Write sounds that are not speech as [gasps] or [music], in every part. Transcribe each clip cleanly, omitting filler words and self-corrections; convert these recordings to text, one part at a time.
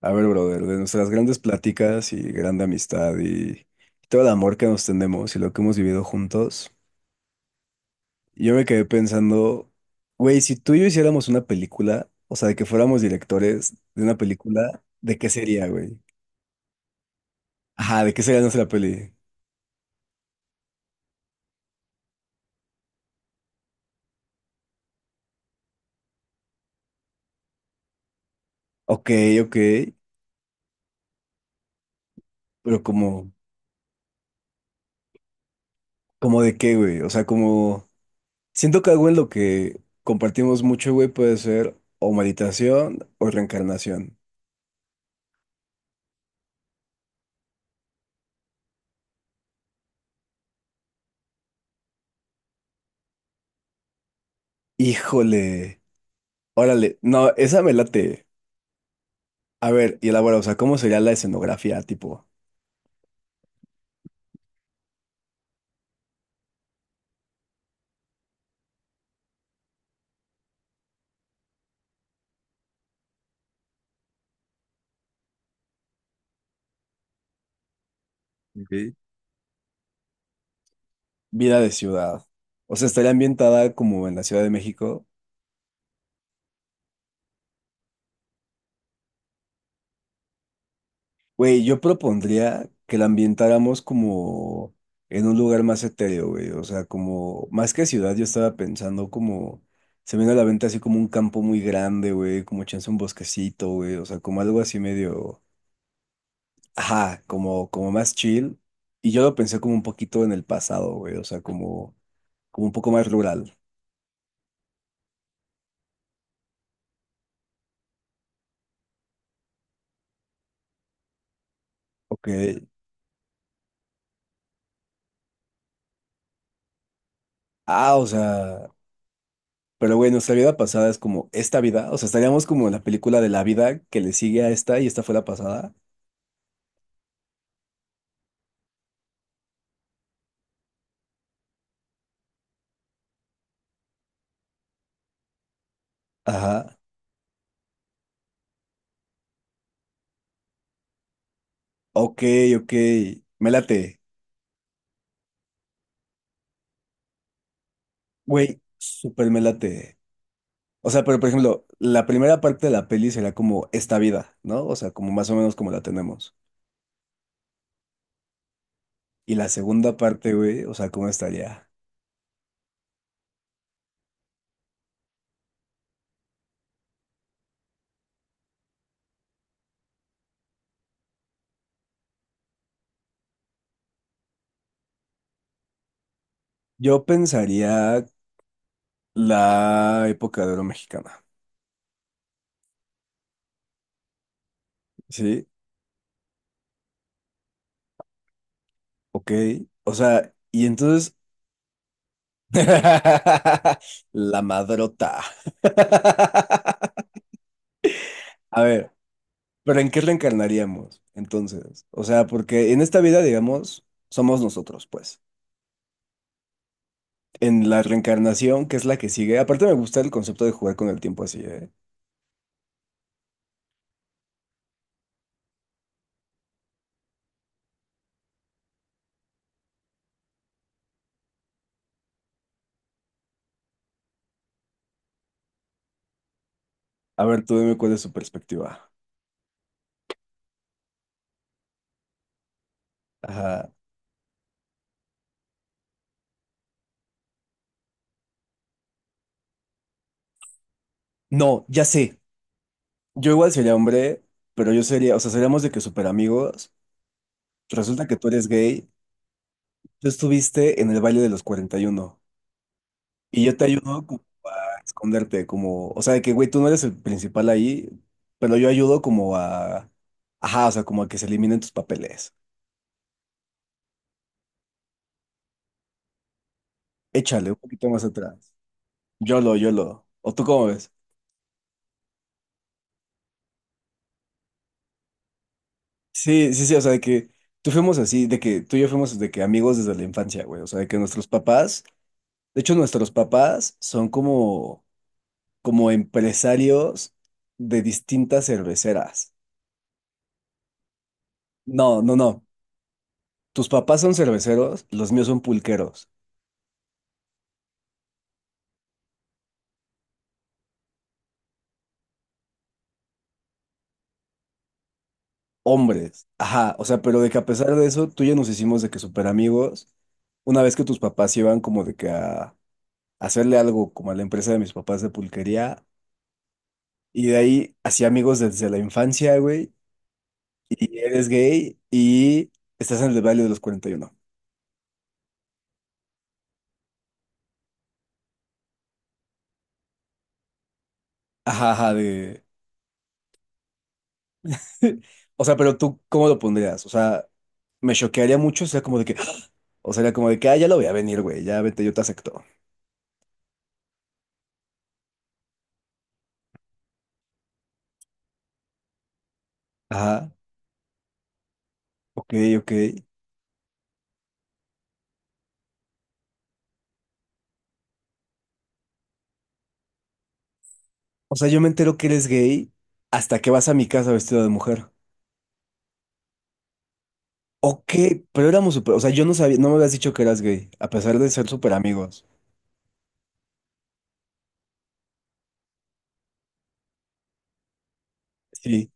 A ver, brother, de nuestras grandes pláticas y grande amistad y todo el amor que nos tenemos y lo que hemos vivido juntos, yo me quedé pensando, güey, si tú y yo hiciéramos una película, o sea, de que fuéramos directores de una película, ¿de qué sería, güey? Ajá, ¿de qué sería nuestra peli? Ok, ok, ¿pero como de qué, güey? O sea, como, siento que algo en lo que compartimos mucho, güey, puede ser o meditación o reencarnación. Híjole, órale, no, esa me late. A ver, y elabora, o sea, ¿cómo sería la escenografía, tipo? Ok. Vida de ciudad. O sea, estaría ambientada como en la Ciudad de México. Güey, yo propondría que la ambientáramos como en un lugar más etéreo, güey. O sea, como más que ciudad, yo estaba pensando como se me viene a la venta así como un campo muy grande, güey, como chance un bosquecito, güey. O sea, como algo así medio. Ajá, como más chill. Y yo lo pensé como un poquito en el pasado, güey. O sea, como un poco más rural. Ok. Ah, o sea. Pero, güey, nuestra vida pasada es como esta vida. O sea, estaríamos como en la película de la vida que le sigue a esta y esta fue la pasada. Ajá. Ok, ok. Me late. Güey, súper me late. O sea, pero por ejemplo, la primera parte de la peli será como esta vida, ¿no? O sea, como más o menos como la tenemos. Y la segunda parte, güey, o sea, ¿cómo estaría? Yo pensaría la época de oro mexicana. Sí, ok. O sea, y entonces. [laughs] La madrota. [laughs] A ver, pero ¿en qué reencarnaríamos entonces? O sea, porque en esta vida, digamos, somos nosotros, pues. En la reencarnación, que es la que sigue. Aparte, me gusta el concepto de jugar con el tiempo así, ¿eh? A ver, tú dime cuál es su perspectiva. Ajá. No, ya sé. Yo igual sería hombre, pero yo sería, o sea, seríamos de que super amigos. Resulta que tú eres gay. Tú estuviste en el baile de los 41 y uno y yo te ayudo como a esconderte, como, o sea, de que, güey, tú no eres el principal ahí, pero yo ayudo como a, ajá, o sea, como a que se eliminen tus papeles. Échale un poquito más atrás. Yo lo, yo lo. ¿O tú cómo ves? Sí, sí, sí, o sea, de que tú fuimos así, de que tú y yo fuimos de que amigos desde la infancia, güey, o sea, de que nuestros papás, de hecho, nuestros papás son como, como empresarios de distintas cerveceras. No, no, no. Tus papás son cerveceros, los míos son pulqueros, hombres, ajá, o sea, pero de que a pesar de eso, tú y yo nos hicimos de que súper amigos, una vez que tus papás iban como de que a hacerle algo como a la empresa de mis papás de pulquería, y de ahí así amigos desde la infancia, güey, y eres gay y estás en el Valle de los 41. Ajá, ajá, de... [laughs] O sea, pero tú, ¿cómo lo pondrías? O sea, me choquearía mucho, o sea, como de que, [gasps] o sea, era como de que, ah, ya lo voy a venir, güey, ya vete, yo te acepto. Ajá, ok, ok. O sea, yo me entero que eres gay hasta que vas a mi casa vestido de mujer. Ok, pero éramos súper, o sea, yo no sabía, no me habías dicho que eras gay, a pesar de ser súper amigos. Sí.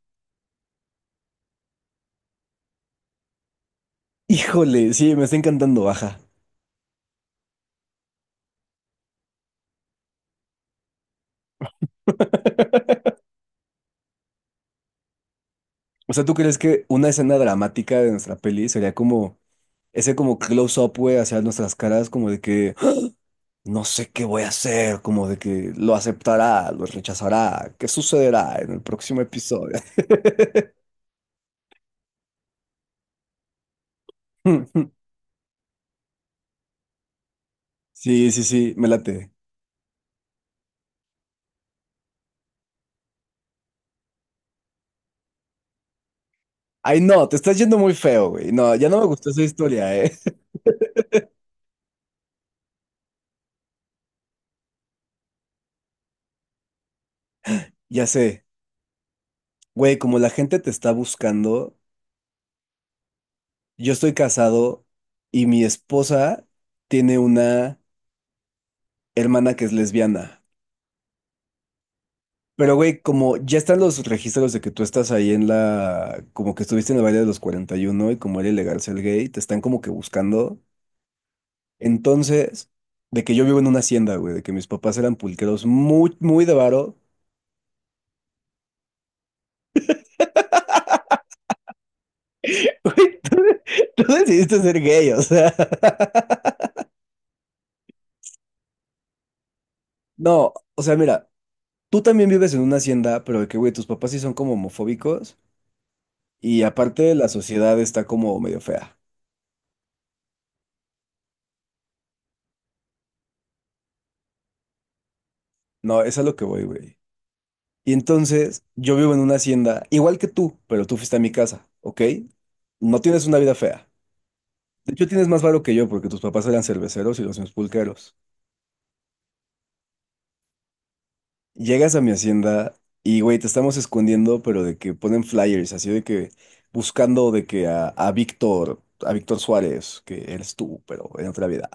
Híjole, sí, me está encantando, baja. O sea, ¿tú crees que una escena dramática de nuestra peli sería como ese como close-up, güey, hacia nuestras caras, como de que "Ah, no sé qué voy a hacer, como de que lo aceptará, lo rechazará, qué sucederá en el próximo episodio"? [laughs] Sí, sí, sí, me late. Ay, no, te estás yendo muy feo, güey. No, ya no me gustó esa historia, ¿eh? [laughs] Ya sé, güey, como la gente te está buscando, yo estoy casado y mi esposa tiene una hermana que es lesbiana. Pero, güey, como ya están los registros de que tú estás ahí en la, como que estuviste en el baile de los 41 y uno y como era ilegal ser gay, te están como que buscando. Entonces, de que yo vivo en una hacienda, güey, de que mis papás eran pulqueros muy, muy de varo, [laughs] tú decidiste ser gay, o sea. [laughs] No, o sea, mira. Tú también vives en una hacienda, pero de que, güey, tus papás sí son como homofóbicos y aparte la sociedad está como medio fea. No, es a lo que voy, güey. Y entonces yo vivo en una hacienda, igual que tú, pero tú fuiste a mi casa, ¿ok? No tienes una vida fea. De hecho, tienes más varo que yo porque tus papás eran cerveceros y los míos pulqueros. Llegas a mi hacienda y, güey, te estamos escondiendo, pero de que ponen flyers, así de que buscando de que a Víctor Suárez, que eres tú, pero en otra vida.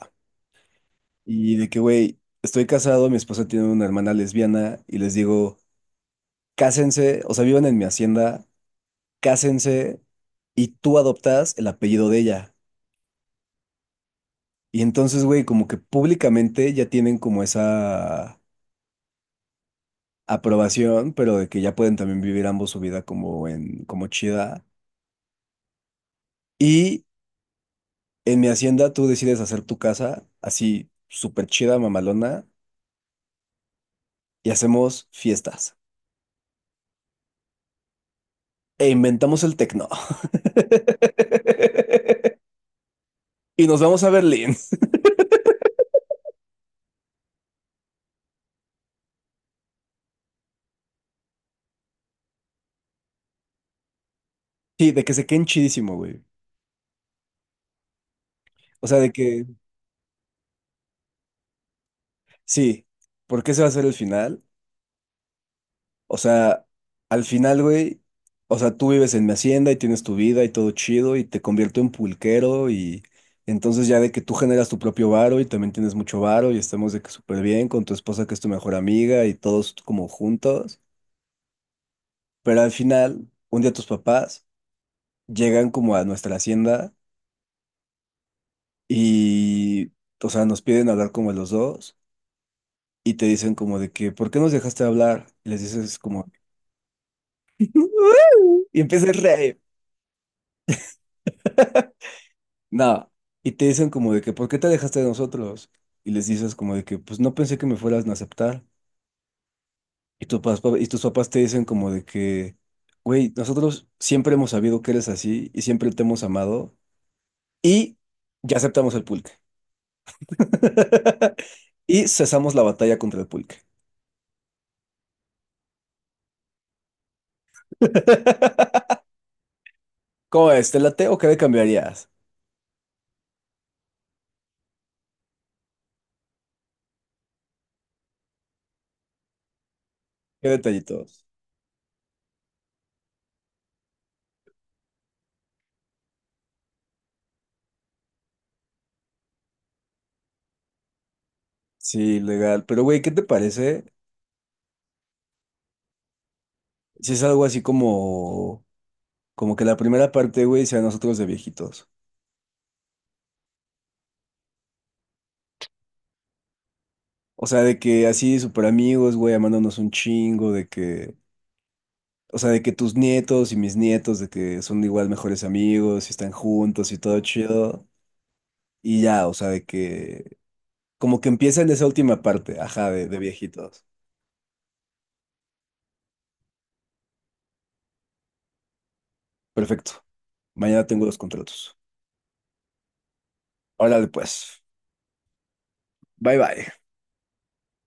Y de que, güey, estoy casado, mi esposa tiene una hermana lesbiana y les digo, cásense, o sea, vivan en mi hacienda, cásense y tú adoptas el apellido de ella. Y entonces, güey, como que públicamente ya tienen como esa aprobación, pero de que ya pueden también vivir ambos su vida como en, como chida. Y en mi hacienda tú decides hacer tu casa así súper chida, mamalona, y hacemos fiestas. E inventamos el tecno. [laughs] Y nos vamos a Berlín. [laughs] Sí, de que se queden chidísimo, güey. O sea, de que, sí, porque ese va a ser el final. O sea, al final, güey, o sea, tú vives en mi hacienda y tienes tu vida y todo chido y te convierto en pulquero y entonces ya de que tú generas tu propio varo y también tienes mucho varo y estamos de que súper bien con tu esposa que es tu mejor amiga y todos como juntos. Pero al final, un día tus papás llegan como a nuestra hacienda y, o sea, nos piden hablar como los dos. Y te dicen como de que, ¿por qué nos dejaste hablar? Y les dices como, [laughs] y empiezas a reír. No, y te dicen como de que, ¿por qué te dejaste de nosotros? Y les dices como de que, pues no pensé que me fueras a aceptar. Y, y tus papás te dicen como de que, güey, nosotros siempre hemos sabido que eres así y siempre te hemos amado y ya aceptamos el pulque. [laughs] Y cesamos la batalla contra el pulque. [laughs] ¿Cómo es? ¿Te late o qué le cambiarías? ¿Qué detallitos? Sí, legal. Pero, güey, ¿qué te parece? Si es algo así como, como que la primera parte, güey, sea nosotros de viejitos. O sea, de que así súper amigos, güey, amándonos un chingo, de que, o sea, de que tus nietos y mis nietos, de que son igual mejores amigos y están juntos y todo chido. Y ya, o sea, de que, como que empieza en esa última parte, ajá, de viejitos. Perfecto. Mañana tengo los contratos. Órale, pues. Bye bye.